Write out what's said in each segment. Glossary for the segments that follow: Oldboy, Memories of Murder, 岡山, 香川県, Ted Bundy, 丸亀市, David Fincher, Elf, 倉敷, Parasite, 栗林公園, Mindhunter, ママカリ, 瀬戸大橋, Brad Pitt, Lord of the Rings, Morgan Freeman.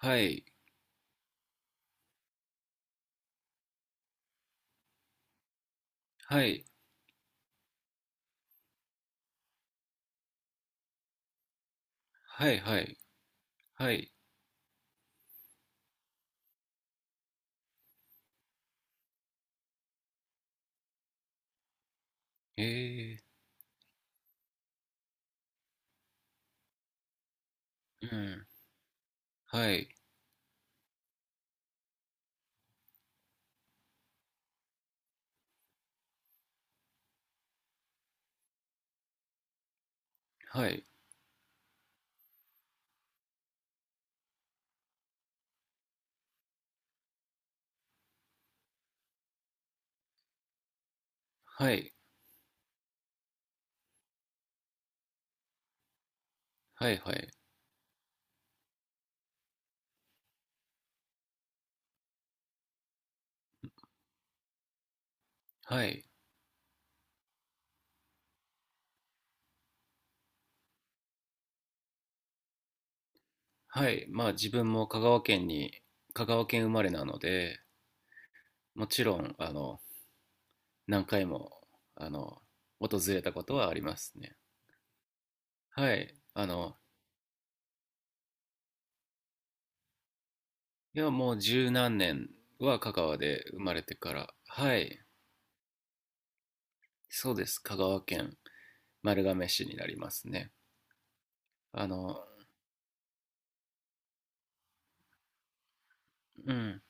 はい、はい、はい、はい、はい、えうん、はい、はい、はい、はい、はい、はい、はい、まあ自分も香川県に、香川県生まれなので、もちろん、何回も、あの、訪れたことはありますね。はい、いや、もう十何年は香川で生まれてから、はい、そうです、香川県丸亀市になりますね。あの、うん、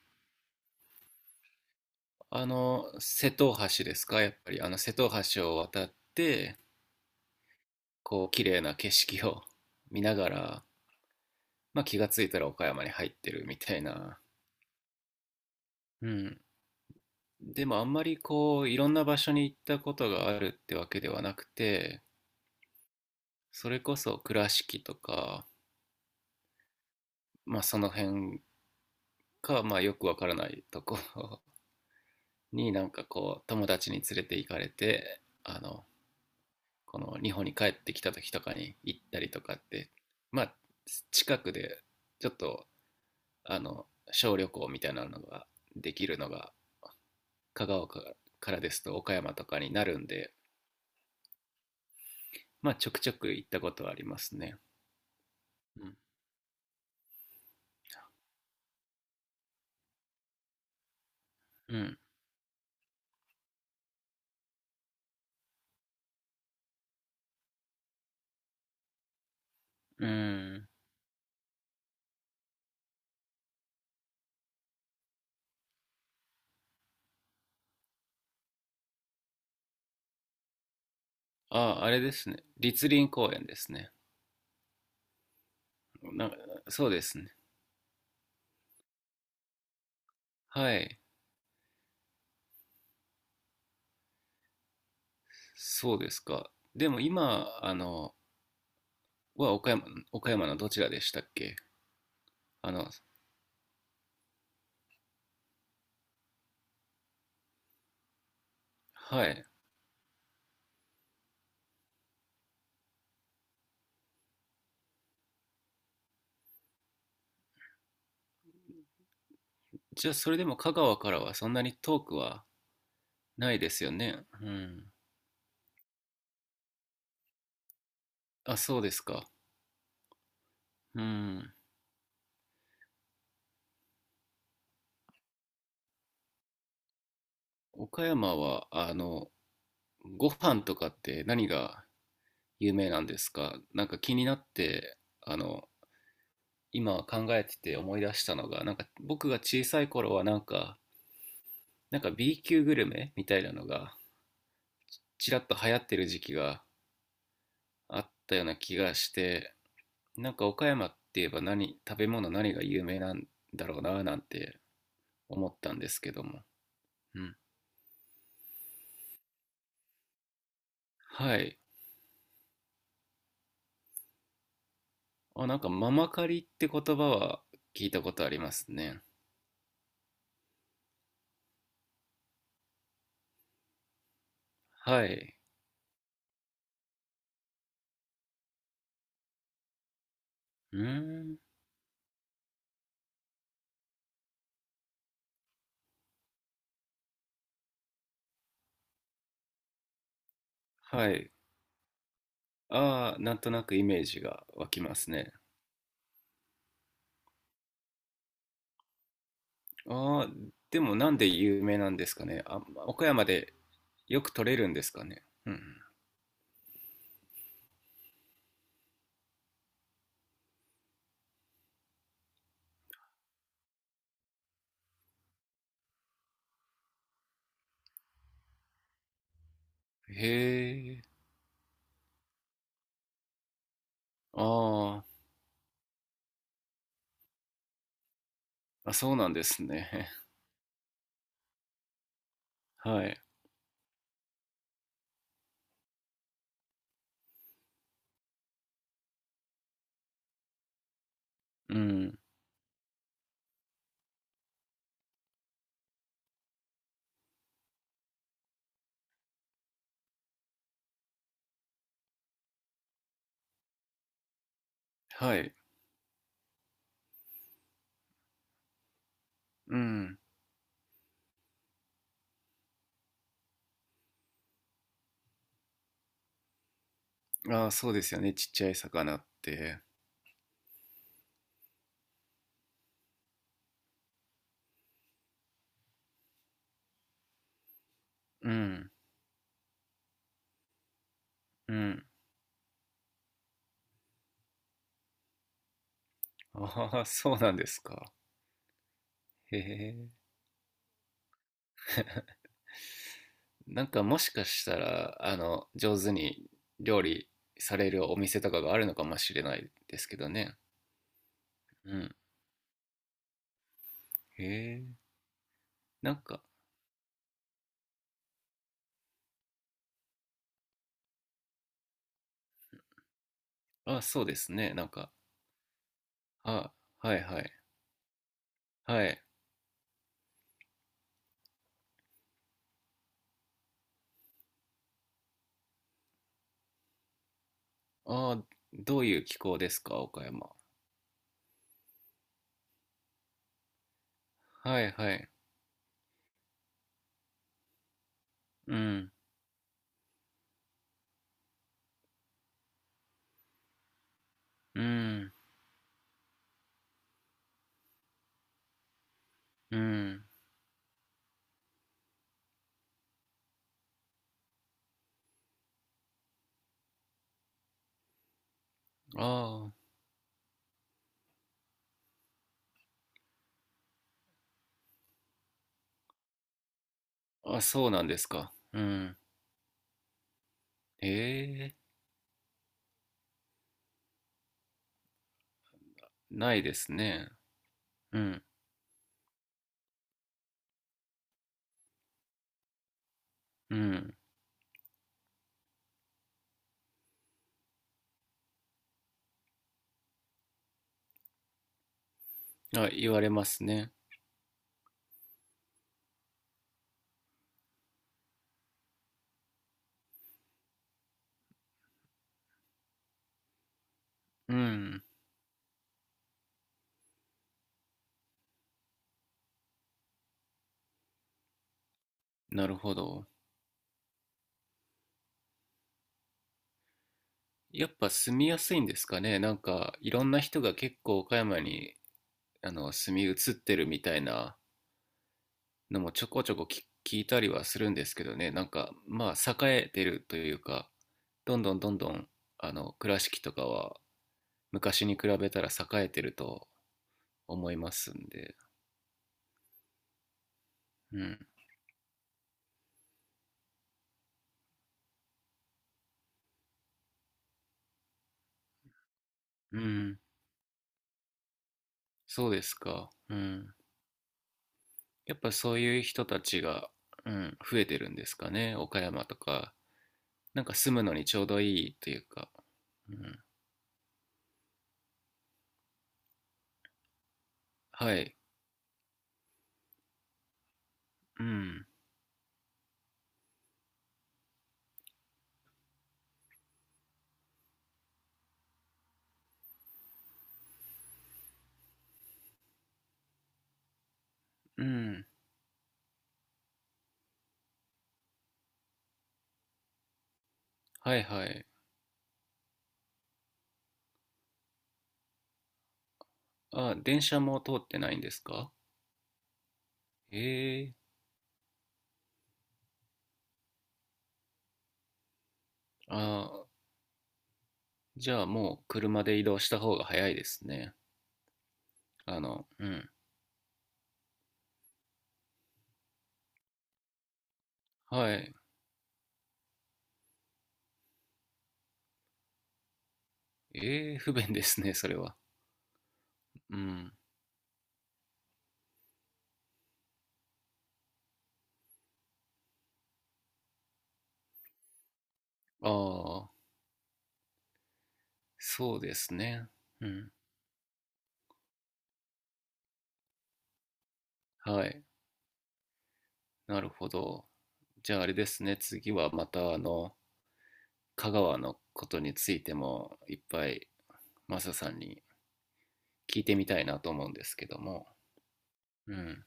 瀬戸大橋ですか、やっぱり、瀬戸大橋を渡って、こう、綺麗な景色を 見ながら、まあ、気がついたら岡山に入ってるみたいな。うん。でも、あんまりこう、いろんな場所に行ったことがあるってわけではなくて、それこそ倉敷とか、まあ、その辺か、まあ、よくわからないところ になんかこう、友達に連れて行かれて、この日本に帰ってきた時とかに行ったりとかって、まあ近くでちょっとあの小旅行みたいなのができるのが香川からですと岡山とかになるんで、まあちょくちょく行ったことはありますね。うん、うん、うん。ああ、あれですね、栗林公園ですね。なそうですね。はい。そうですか。でも今、は、岡山のどちらでしたっけ？あのはい。じゃあ、それでも香川からはそんなに遠くはないですよね。うん。あ、そうですか。うん。岡山は、ご飯とかって何が有名なんですか？なんか気になって、今考えてて思い出したのが、なんか僕が小さい頃はなんか、なんか B級グルメみたいなのが、ちらっと流行ってる時期があったような気がして、なんか岡山って言えば何、食べ物何が有名なんだろうななんて思ったんですけども。うん。はい。あ、なんかママカリって言葉は聞いたことありますね。はい。うーん。はい。ああ、なんとなくイメージが湧きますね。ああ、でもなんで有名なんですかね。あ、岡山でよく取れるんですかね。うん。へえ。あーあ、そうなんですね。はい。うん。はい。うん。ああ、そうですよね。ちっちゃい魚って。うん。うん。ああ、そうなんですか。へえ。なんかもしかしたら、上手に料理されるお店とかがあるのかもしれないですけどね。うん。へえ。なんか、あ、そうですね。なんか、あ、はいはい。はい。あ、どういう気候ですか、岡山。はいはい。うん、うん、うん。ああ、あ、そうなんですか。うん。へえ、ないですね。うん、うん。あ、言われますね。うん。なるほど。やっぱ住みやすいんですかね。なんかいろんな人が結構岡山に住み移ってるみたいなのもちょこちょこ聞いたりはするんですけどね。なんかまあ栄えてるというか、どんどんどんどん倉敷とかは昔に比べたら栄えてると思いますんで。うん。うん。そうですか。うん。やっぱそういう人たちが、うん、増えてるんですかね。岡山とか。なんか住むのにちょうどいいというか。うん、はい。うん。うん。はいはい。あ、電車も通ってないんですか？ええ、ああ、じゃあもう車で移動した方が早いですね。うん。はい。ええ、不便ですね、それは。うん。ああ、そうですね。うん。はい。なるほど。じゃああれですね、次はまた香川のことについてもいっぱいマサさんに聞いてみたいなと思うんですけども。うん。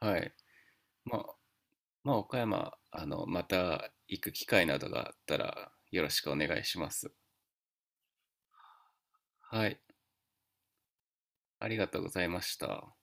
はい。まあ、まあ、岡山、また行く機会などがあったらよろしくお願いします。はい、ありがとうございました。